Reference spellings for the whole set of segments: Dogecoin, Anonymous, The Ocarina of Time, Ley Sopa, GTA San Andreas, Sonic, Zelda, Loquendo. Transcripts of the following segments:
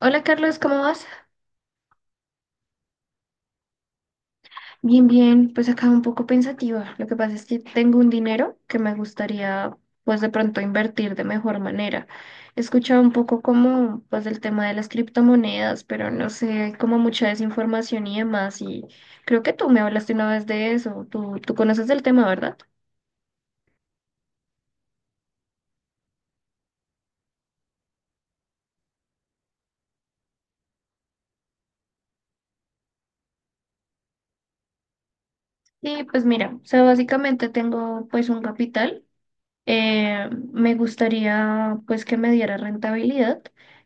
Hola Carlos, ¿cómo vas? Bien, bien, pues acá un poco pensativa. Lo que pasa es que tengo un dinero que me gustaría pues de pronto invertir de mejor manera. He escuchado un poco como pues del tema de las criptomonedas, pero no sé, hay como mucha desinformación y demás y creo que tú me hablaste una vez de eso. Tú conoces el tema, ¿verdad? Sí, pues mira, o sea, básicamente tengo pues un capital. Me gustaría pues que me diera rentabilidad.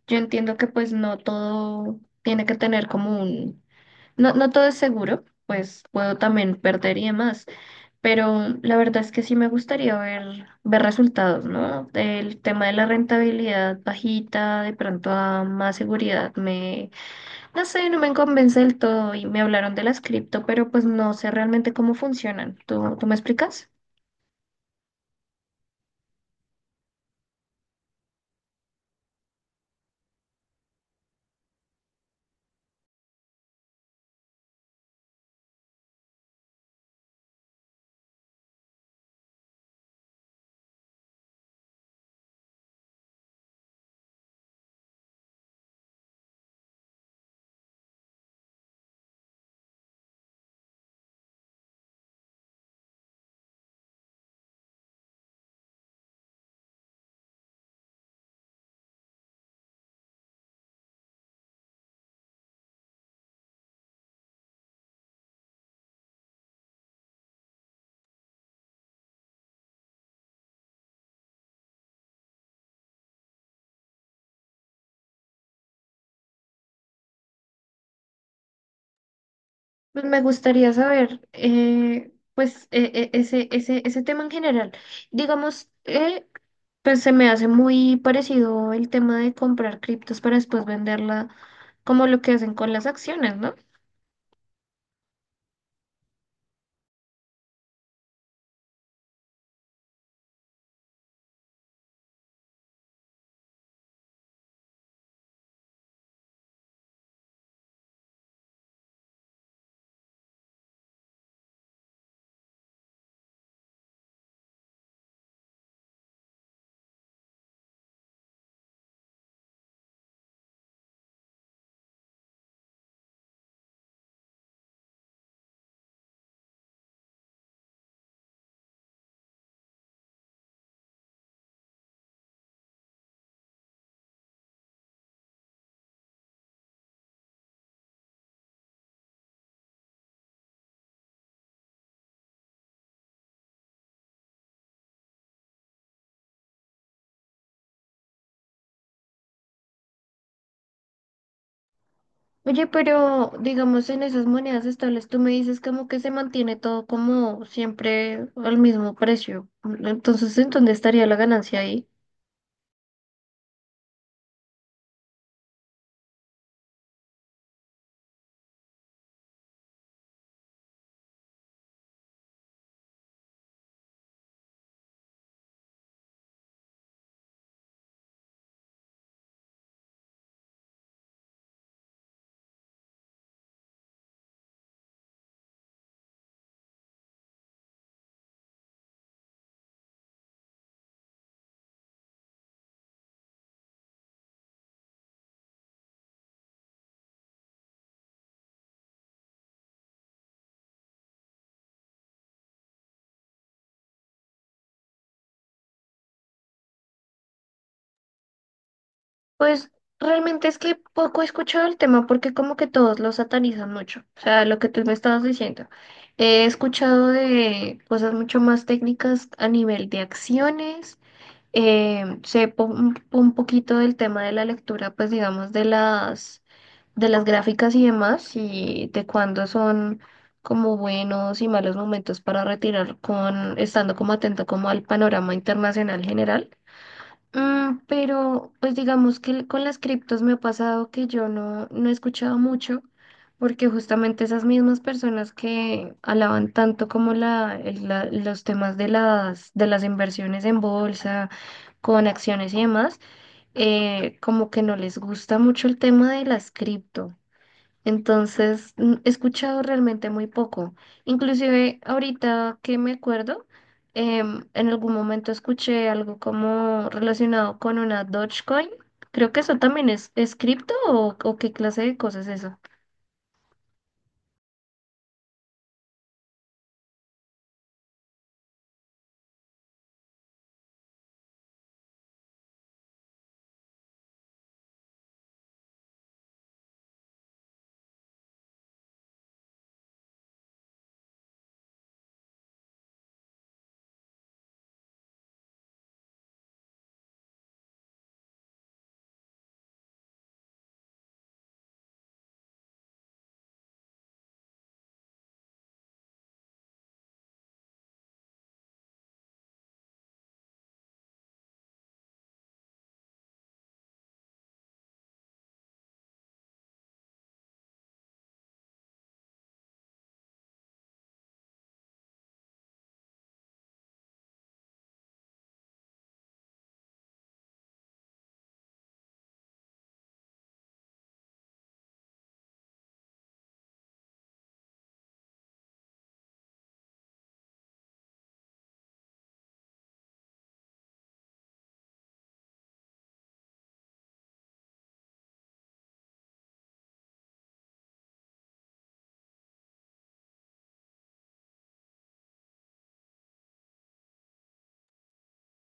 Yo entiendo que pues no todo tiene que tener como un, no, no todo es seguro, pues puedo también perder y demás, pero la verdad es que sí me gustaría ver, ver resultados, ¿no? El tema de la rentabilidad bajita, de pronto a más seguridad, me, no sé, no me convence del todo y me hablaron de las cripto, pero pues no sé realmente cómo funcionan. ¿Tú me explicas? Pues me gustaría saber, pues, ese tema en general. Digamos, pues se me hace muy parecido el tema de comprar criptos para después venderla, como lo que hacen con las acciones, ¿no? Oye, pero digamos, en esas monedas estables, tú me dices como que se mantiene todo como siempre al mismo precio. Entonces, ¿en dónde estaría la ganancia ahí? Pues realmente es que poco he escuchado el tema porque como que todos lo satanizan mucho. O sea, lo que tú me estabas diciendo. He escuchado de cosas mucho más técnicas a nivel de acciones. Sé un poquito del tema de la lectura, pues digamos, de las gráficas y demás, y de cuándo son como buenos y malos momentos para retirar con, estando como atento como al panorama internacional general. Mm, pero pues digamos que con las criptos me ha pasado que yo no he escuchado mucho, porque justamente esas mismas personas que alaban tanto como la, los temas de de las inversiones en bolsa, con acciones y demás, como que no les gusta mucho el tema de las cripto. Entonces, he escuchado realmente muy poco. Inclusive ahorita que me acuerdo, en algún momento escuché algo como relacionado con una Dogecoin. Creo que eso también es cripto o qué clase de cosas es eso.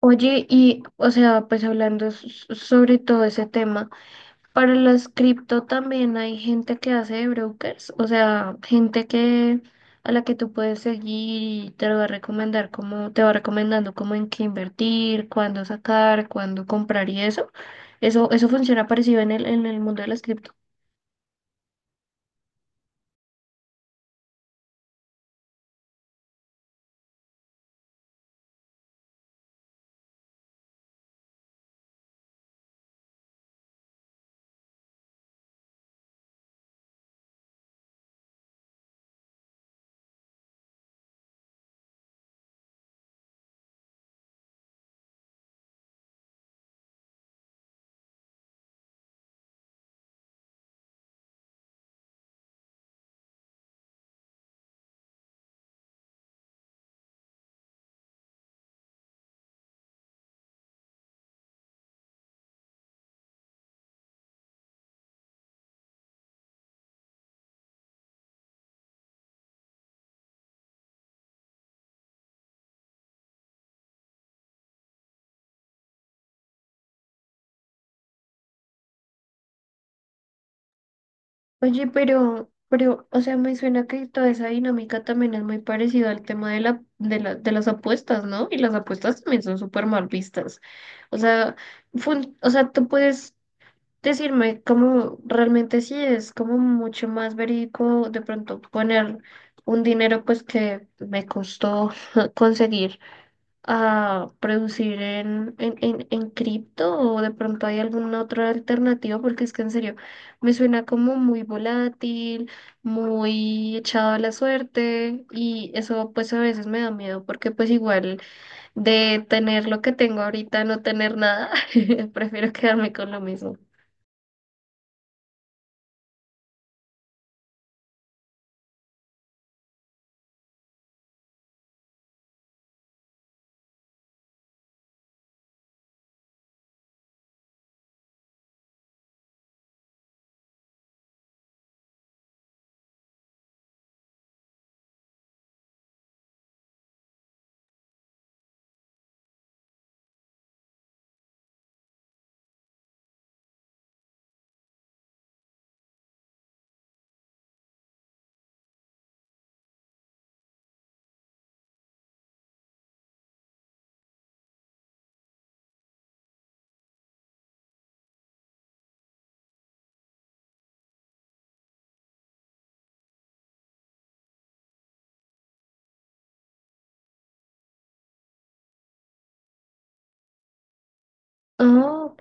Oye, y o sea, pues hablando sobre todo ese tema. Para las cripto también hay gente que hace de brokers, o sea, gente que a la que tú puedes seguir y te lo va a recomendar como, te va recomendando cómo en qué invertir, cuándo sacar, cuándo comprar y eso. Eso funciona parecido en en el mundo de las cripto. Oye, pero, o sea, me suena que toda esa dinámica también es muy parecida al tema de de las apuestas, ¿no? Y las apuestas también son súper mal vistas. O sea, o sea, tú puedes decirme cómo realmente sí es como mucho más verídico de pronto poner un dinero pues que me costó conseguir a producir en cripto o de pronto hay alguna otra alternativa porque es que en serio me suena como muy volátil, muy echado a la suerte y eso pues a veces me da miedo porque pues igual de tener lo que tengo ahorita a no tener nada, prefiero quedarme con lo mismo. Ah, ok.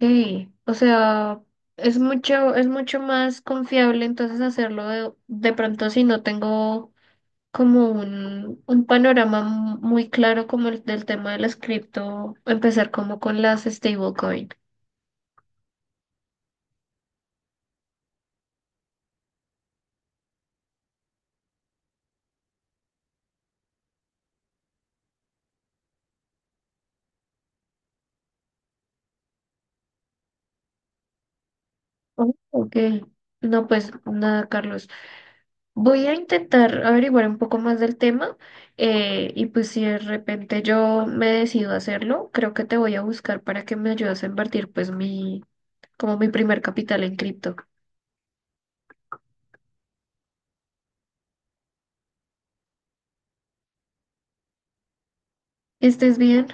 O sea, es mucho más confiable entonces hacerlo de pronto si no tengo como un panorama muy claro como el del tema de las cripto, empezar como con las stablecoin. Oh, ok. No, pues nada, Carlos. Voy a intentar averiguar un poco más del tema y pues si de repente yo me decido a hacerlo, creo que te voy a buscar para que me ayudes a invertir pues mi, como mi primer capital en cripto. ¿Estés bien?